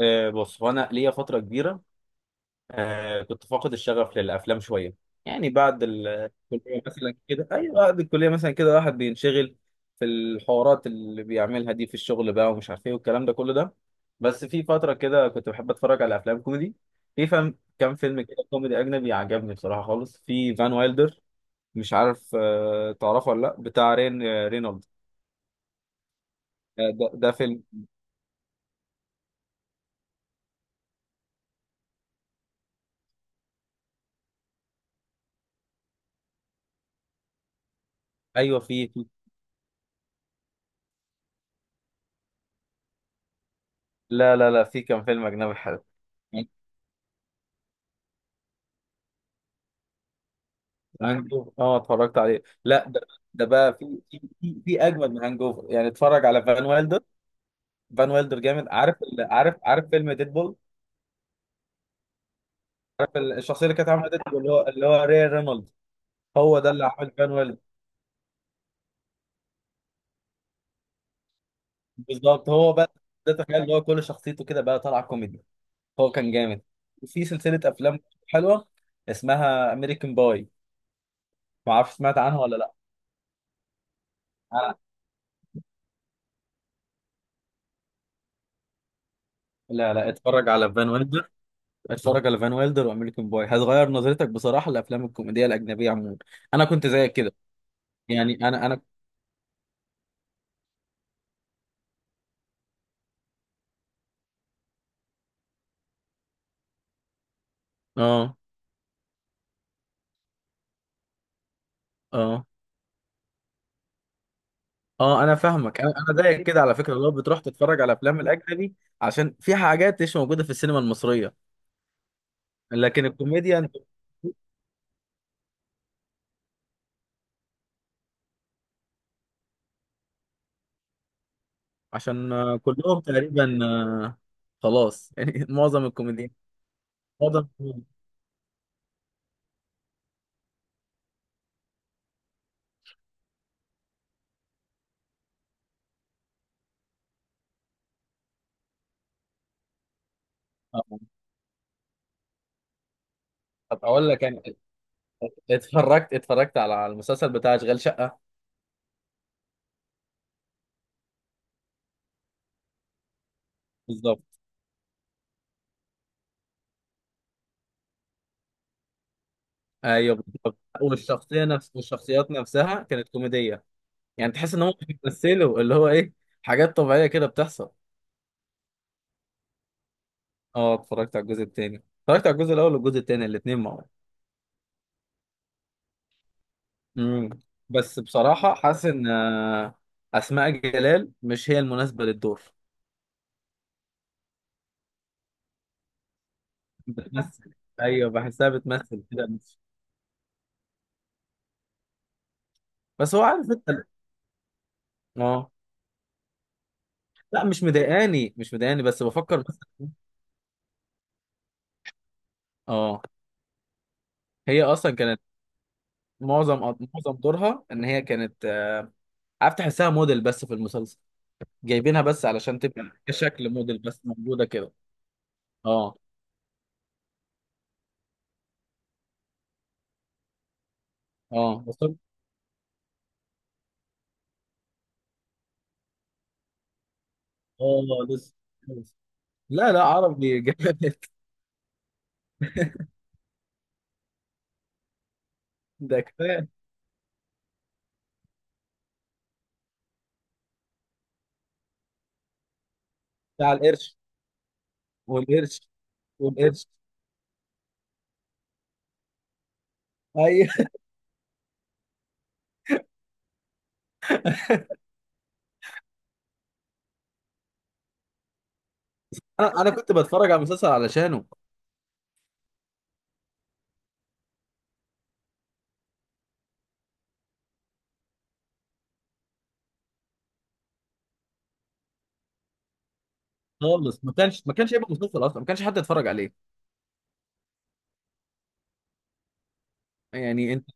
بص، هو انا ليا فتره كبيره كنت فاقد الشغف للافلام شويه. يعني بعد الكليه مثلا كده، ايوه بعد الكليه مثلا كده واحد بينشغل في الحوارات اللي بيعملها دي في الشغل بقى، ومش عارف ايه والكلام ده كله ده. بس في فتره كده كنت بحب اتفرج على افلام كوميدي. في فهم كام فيلم كده كوميدي اجنبي عجبني بصراحه خالص، في فان وايلدر. مش عارف تعرفه ولا لا؟ بتاع رين، رينولد. ده فيلم. ايوه، لا لا لا، في كام فيلم اجنبي حلو. هانجوفر، اه اتفرجت عليه. لا، ده ده بقى في اجمد من هانجوفر، يعني اتفرج على فان ويلدر. فان ويلدر جامد. عارف عارف فيلم ديدبول؟ عارف الشخصيه اللي كانت عامله ديدبول اللي هو اللي هو رينولدز؟ هو ده اللي عامل فان ويلدر. بالظبط، هو بقى. ده تخيل اللي هو كل شخصيته كده بقى طالعه كوميدي. هو كان جامد. وفي سلسله افلام حلوه اسمها امريكان باي، ما اعرفش سمعت عنها ولا لا. أنا- لا لا، اتفرج على فان ويلدر. اتفرج على فان ويلدر وامريكان بوي هتغير نظرتك بصراحه لافلام الكوميديا الاجنبيه عموما. انا كنت زيك كده. يعني انا اه، اه، اه انا فاهمك. انا زيك كده على فكره، لو بتروح تتفرج على افلام الاجنبي، عشان في حاجات مش موجوده في السينما المصريه. لكن الكوميديا انت بتشوف- عشان كلهم تقريبا، خلاص يعني معظم الكوميديا. معظم الكوميديا. آه. طب اقول لك انا، اتفرجت، اتفرجت على على المسلسل بتاع اشغال شقه بالظبط ايوه بالظبط والشخصيه نفس والشخصيات نفسها كانت كوميديه. يعني تحس ان هم بيمثلوا اللي هو ايه، حاجات طبيعيه كده بتحصل. اه، اتفرجت على الجزء الثاني. اتفرجت على الجزء الاول والجزء الثاني الاثنين مع بعض. امم. بس بصراحه حاسس ان اسماء جلال مش هي المناسبه للدور. بتمثل. ايوه بحسها بتمثل كده، مش بس هو عارف انت ال- اه، لا مش مضايقاني، مش مضايقاني بس بفكر بس. اه. هي اصلا كانت، معظم، معظم دورها ان هي كانت عارف تحسها موديل بس في المسلسل. جايبينها بس علشان تبقى كشكل موديل بس، موجوده كده. اه، اه اه لسه. لسه. لا لا، عربي جامد. ده كفايه. بتاع القرش. والقرش. والقرش. ايوه. انا، انا كنت بتفرج على المسلسل علشانه خالص. ما كانش، ما كانش هيبقى مسلسل اصلا، ما كانش حد يتفرج عليه. يعني انت،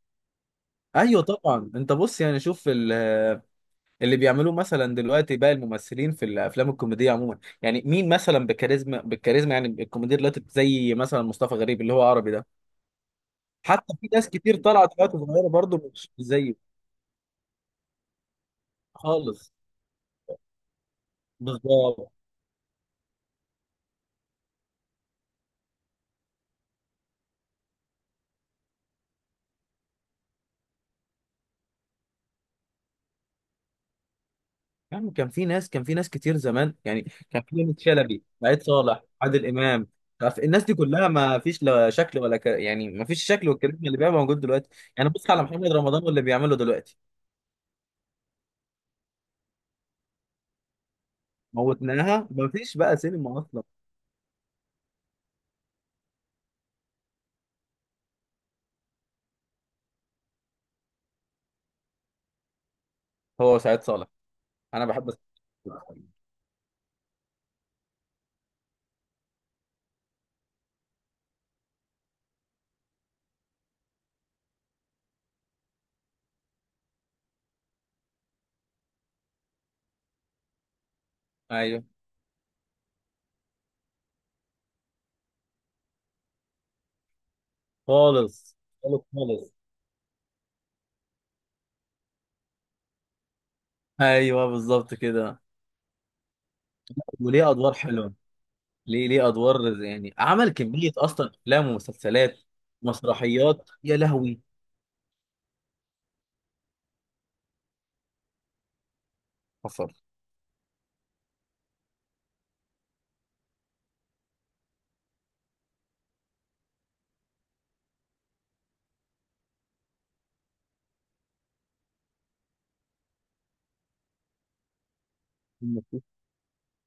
ايوه طبعا. انت بص يعني، شوف اللي بيعملوه مثلا دلوقتي بقى، الممثلين في الافلام الكوميديه عموما. يعني مين مثلا بكاريزما، بالكاريزما؟ يعني الكوميديا دلوقتي زي مثلا مصطفى غريب اللي هو عربي ده. حتى في ناس كتير طلعت دلوقتي صغيره برضه مش زيه. خالص. بالظبط، يعني كان في ناس، كان في ناس كتير زمان. يعني كان في يونس شلبي، سعيد صالح، عادل امام. عارف، الناس دي كلها ما فيش لا شكل ولا ك... يعني ما فيش شكل والكاريزما اللي بيبقى موجود دلوقتي. يعني بص على محمد رمضان واللي بيعمله دلوقتي. موتناها، ما فيش بقى سينما اصلا. هو سعيد صالح. انا بحب السلسلة. ايوه. خالص. خالص. خالص. ايوه بالظبط كده. وليه ادوار حلوه. ليه، ليه ادوار زي- يعني عمل كميه اصلا افلام ومسلسلات، مسرحيات، يا لهوي. حصل.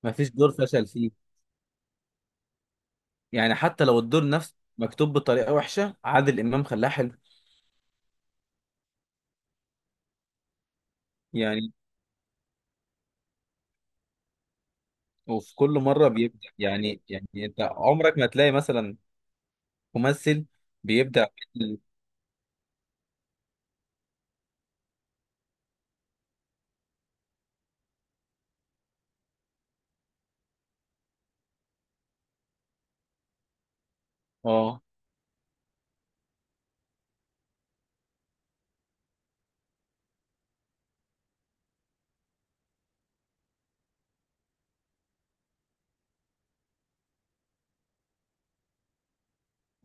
ما فيش دور فشل فيه. يعني حتى لو الدور نفسه مكتوب بطريقه وحشه، عادل امام خلاه حلو. يعني وفي كل مره بيبدع. يعني يعني انت عمرك ما تلاقي مثلا ممثل بيبدع في اه.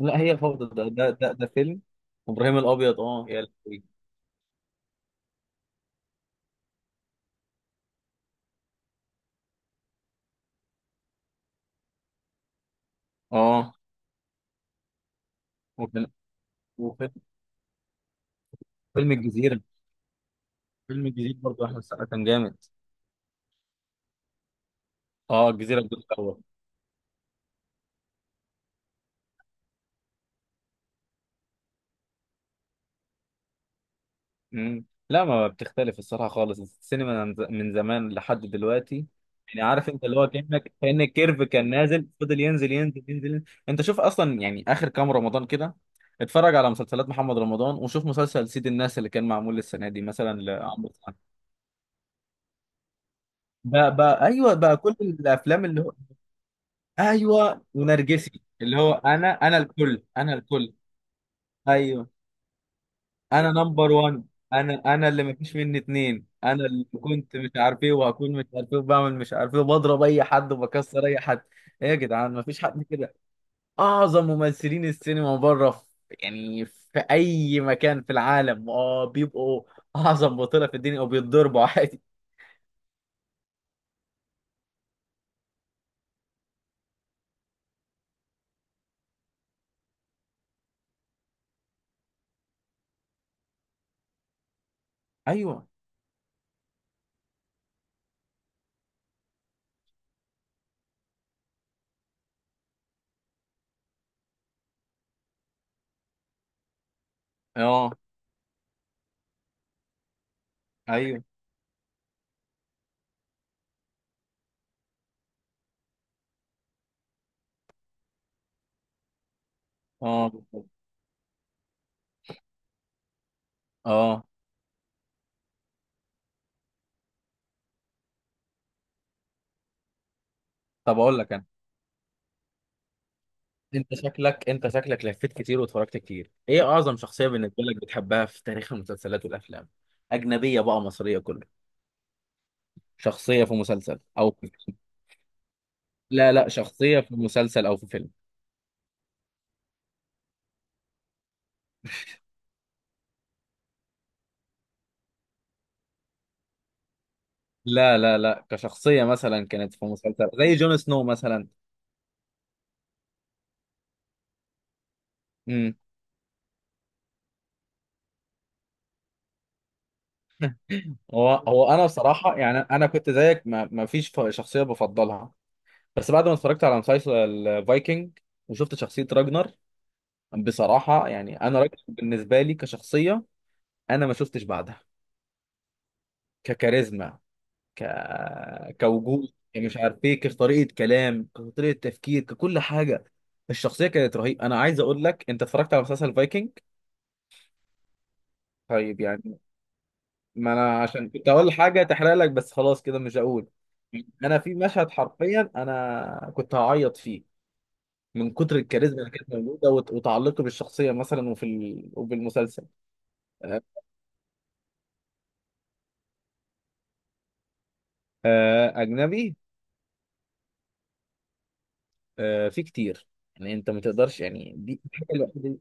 لا، هي فوضى ده ده فيلم ابراهيم الابيض. اه يا لهوي. اه وكان، وفيلم، فيلم الجزيره. فيلم الجزيره برضه احمد السقا كان جامد. اه الجزيره الجزء الاول. امم. لا ما بتختلف الصراحه خالص السينما من ز- من زمان لحد دلوقتي. يعني عارف انت اللي هو كانك كان الكيرف كان نازل، فضل ينزل، ينزل، ينزل. انت شوف اصلا يعني اخر كام رمضان كده، اتفرج على مسلسلات محمد رمضان وشوف مسلسل سيد الناس اللي كان معمول السنه دي مثلا لعمرو سعد. بقى، بقى ايوه، بقى كل الافلام اللي هو، ايوه ونرجسي، اللي هو انا، انا الكل، انا الكل. ايوه انا نمبر وان، انا اللي مفيش مني اتنين، انا اللي كنت مش عارف ايه، وهكون مش عارف ايه، وبعمل مش عارف ايه، وبضرب اي حد، وبكسر اي حد. ايه يا جدعان، مفيش حد كده اعظم ممثلين السينما بره؟ في يعني في اي مكان في العالم، اه بيبقوا اعظم بطولة في الدنيا وبيتضربوا عادي. ايوه. اه. ايوه. اه بالظبط. اه. طب اقول لك، انت شكلك، انت شكلك لفيت كتير واتفرجت كتير. ايه اعظم شخصية بالنسبة لك بتحبها في تاريخ المسلسلات والافلام؟ اجنبية بقى مصرية كله. شخصية في مسلسل او في فيلم. لا لا، شخصية في مسلسل او في فيلم. لا لا لا، كشخصية مثلا كانت في مسلسل زي جون سنو مثلا. امم. هو هو انا بصراحة يعني، انا كنت زيك ما فيش شخصية بفضلها. بس بعد ما اتفرجت على مسلسل فايكنج وشفت شخصية راجنر، بصراحة يعني انا راجنر بالنسبة لي كشخصية انا ما شفتش بعدها، ككاريزما، ك... كوجود، يعني مش عارف ايه، كطريقه كلام، كطريقه تفكير، ككل حاجه. الشخصيه كانت رهيبه. انا عايز اقول لك، انت اتفرجت على مسلسل فايكنج؟ طيب يعني، ما انا عشان كنت اقول حاجه تحرق لك، بس خلاص كده مش هقول. انا في مشهد حرفيا انا كنت هعيط فيه من كتر الكاريزما اللي كانت موجوده وتعلقي بالشخصيه مثلا، وفي ال... وبالمسلسل. آه، اجنبي. في كتير. يعني انت ما تقدرش، يعني دي الحاجه الوحيده.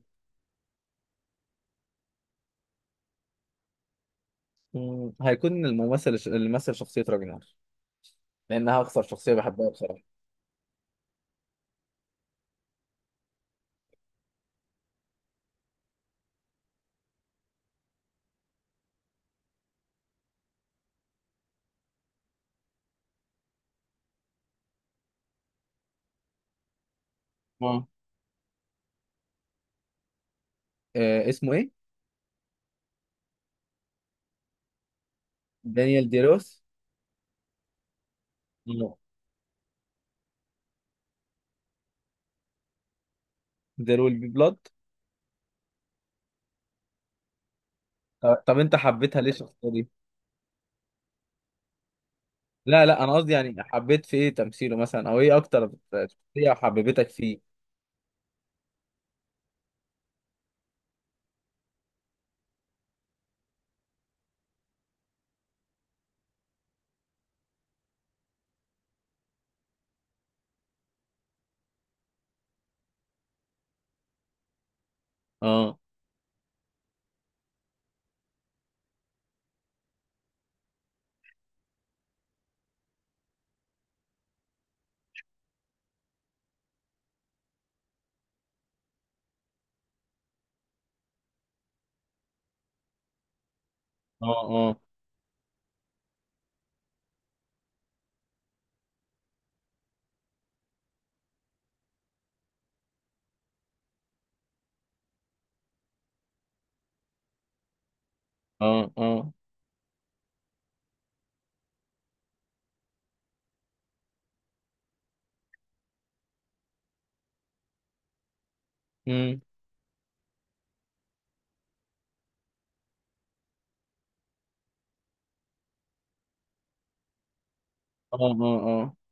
مم، هيكون الممثل اللي مثل شخصية راجنر، لأنها أكثر شخصية بحبها بصراحة. اه. آه، اسمه إيه؟ دانيال دي روس. مم. دير ويل بي بلاد. طب، طب أنت حبيتها ليه الشخصية دي؟ لا لا، أنا قصدي يعني حبيت في إيه تمثيله مثلا، أو إيه أكتر شخصية حببتك فيه؟ آه. آه. آه. آه. آه. مم. آه. آه. آه.